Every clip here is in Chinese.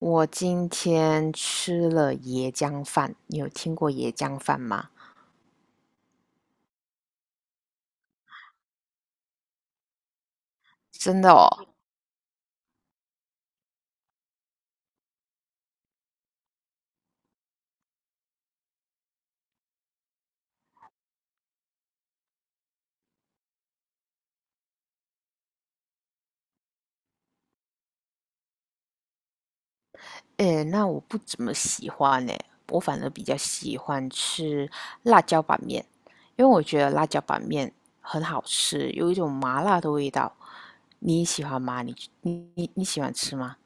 我今天吃了椰浆饭，你有听过椰浆饭吗？真的哦？诶，那我不怎么喜欢诶，我反而比较喜欢吃辣椒板面，因为我觉得辣椒板面很好吃，有一种麻辣的味道。你喜欢吗？你喜欢吃吗？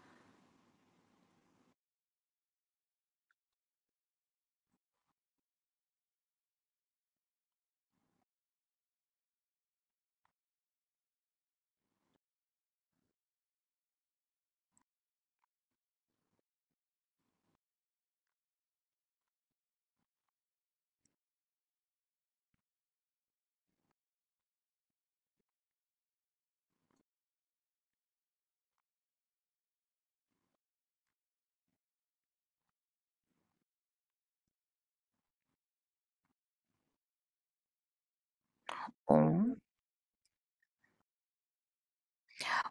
嗯。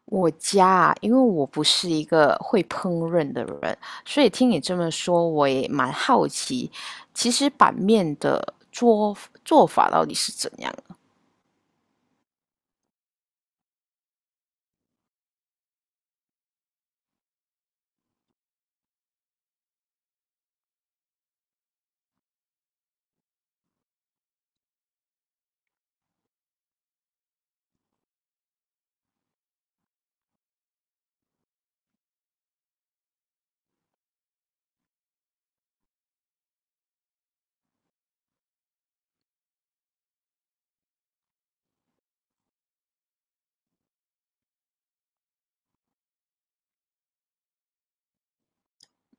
我家啊，因为我不是一个会烹饪的人，所以听你这么说，我也蛮好奇，其实板面的做法到底是怎样的。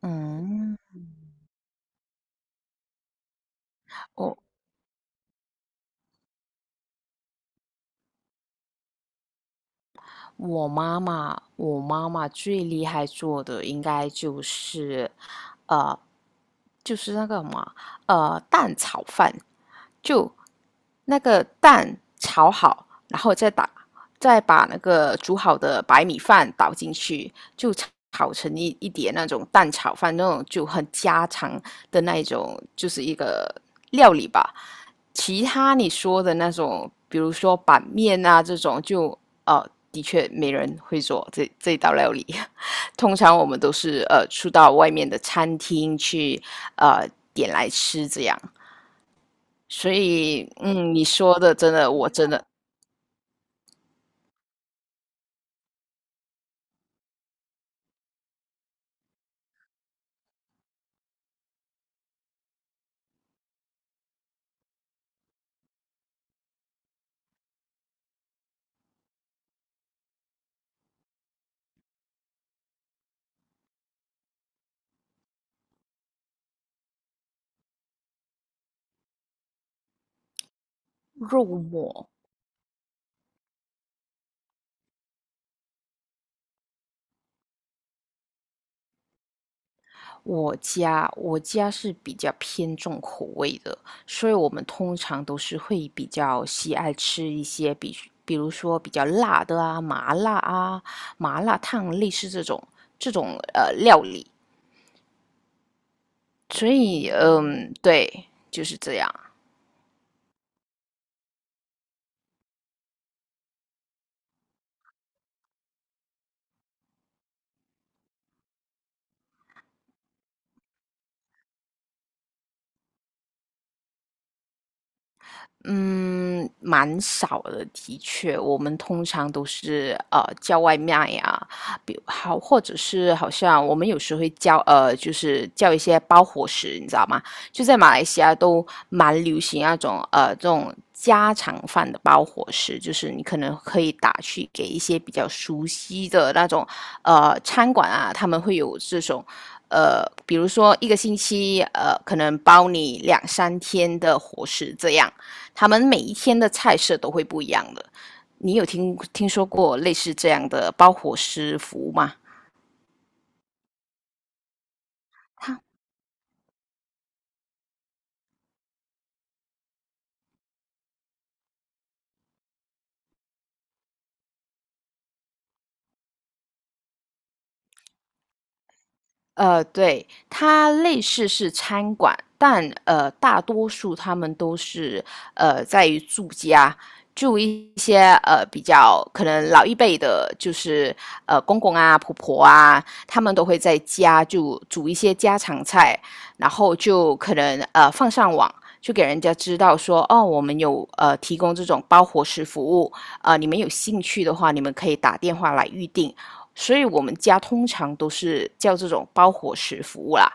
嗯，我我妈妈，我妈妈最厉害做的应该就是，呃，就是那个什么，蛋炒饭。就那个蛋炒好，然后再打，再把那个煮好的白米饭倒进去，就炒成一碟那种蛋炒饭，那种就很家常的那一种，就是一个料理吧。其他你说的那种，比如说板面啊这种，就呃，的确没人会做这一道料理。通常我们都是出到外面的餐厅去呃点来吃这样。所以，嗯，你说的真的，我真的肉末。我家是比较偏重口味的，所以我们通常都是会比较喜爱吃一些比，比如说比较辣的啊，麻辣啊，麻辣烫类似这种料理。所以，嗯，对，就是这样。嗯，蛮少的，的确，我们通常都是叫外卖呀，比好或者是好像我们有时会叫就是叫一些包伙食，你知道吗？就在马来西亚都蛮流行那种这种家常饭的包伙食，就是你可能可以打去给一些比较熟悉的那种餐馆啊，他们会有这种。比如说一个星期，可能包你两三天的伙食这样，他们每一天的菜色都会不一样的。你有听说过类似这样的包伙食服务吗？它对，它类似是餐馆，但大多数他们都是在于住家，住一些比较可能老一辈的，就是公公啊、婆婆啊，他们都会在家就煮一些家常菜，然后就可能放上网。就给人家知道说，哦，我们有提供这种包伙食服务，你们有兴趣的话，你们可以打电话来预定。所以我们家通常都是叫这种包伙食服务啦。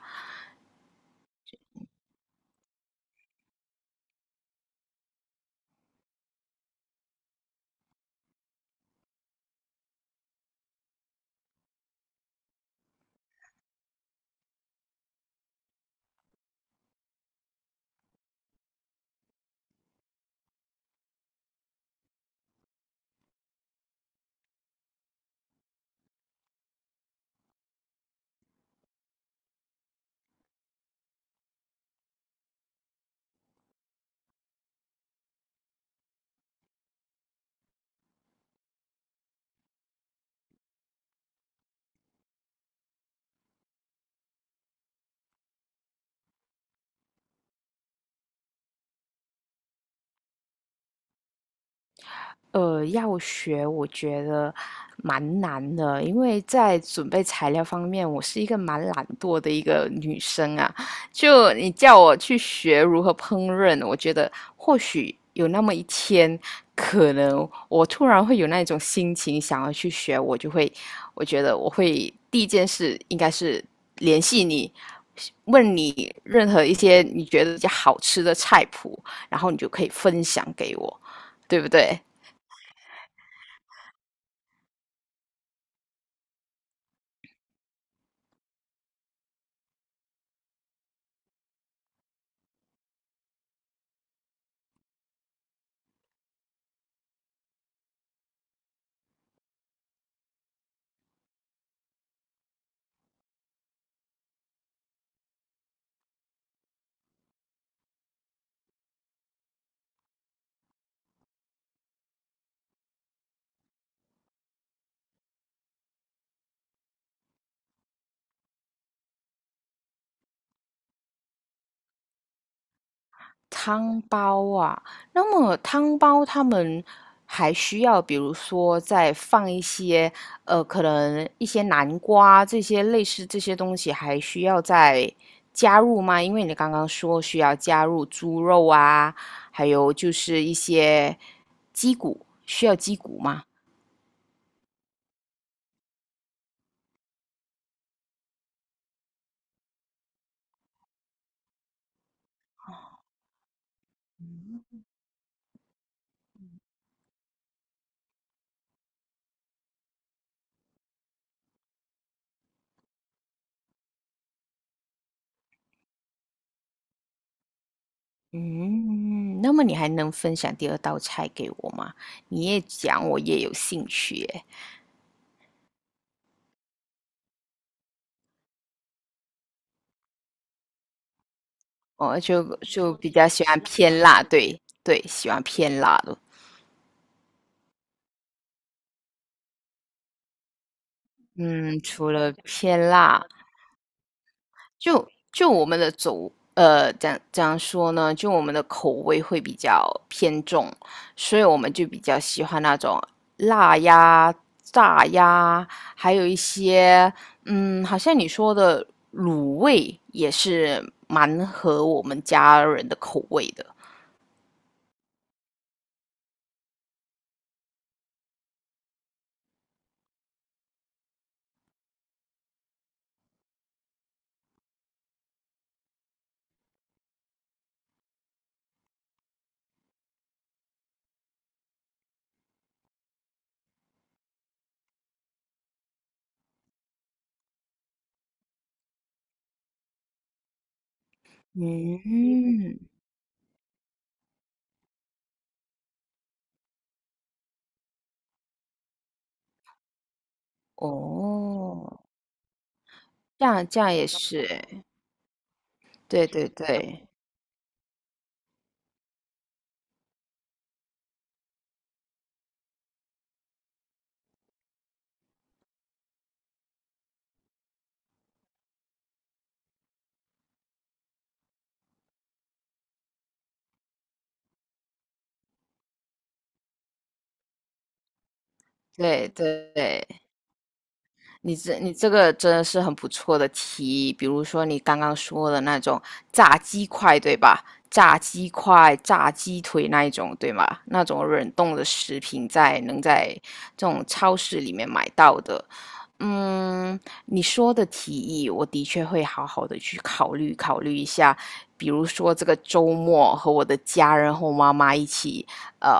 要学我觉得蛮难的，因为在准备材料方面，我是一个蛮懒惰的一个女生啊。就你叫我去学如何烹饪，我觉得或许有那么一天，可能我突然会有那种心情想要去学，我就会，我觉得我会第一件事应该是联系你，问你任何一些你觉得比较好吃的菜谱，然后你就可以分享给我，对不对？汤包啊，那么汤包他们还需要，比如说再放一些，可能一些南瓜这些类似这些东西，还需要再加入吗？因为你刚刚说需要加入猪肉啊，还有就是一些鸡骨，需要鸡骨吗？嗯，那么你还能分享第二道菜给我吗？你也讲，我也有兴趣耶。哦，就就比较喜欢偏辣，对对，喜欢偏辣的。嗯，除了偏辣，就就我们的走，怎样说呢？就我们的口味会比较偏重，所以我们就比较喜欢那种辣呀、炸呀，还有一些，嗯，好像你说的卤味也是蛮合我们家人的口味的。嗯，哦。这样这样也是哎，对对对对对，你这个真的是很不错的提议，比如说你刚刚说的那种炸鸡块，对吧？炸鸡块、炸鸡腿那一种，对吗？那种冷冻的食品在能在这种超市里面买到的。嗯，你说的提议，我的确会好好的去考虑考虑一下。比如说这个周末和我的家人和我妈妈一起，呃，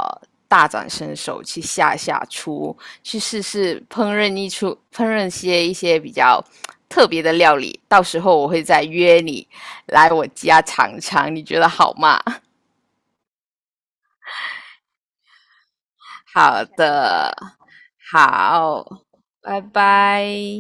大展身手去下厨，去试试烹饪一些比较特别的料理，到时候我会再约你来我家尝尝，你觉得好吗？好的，好，拜拜。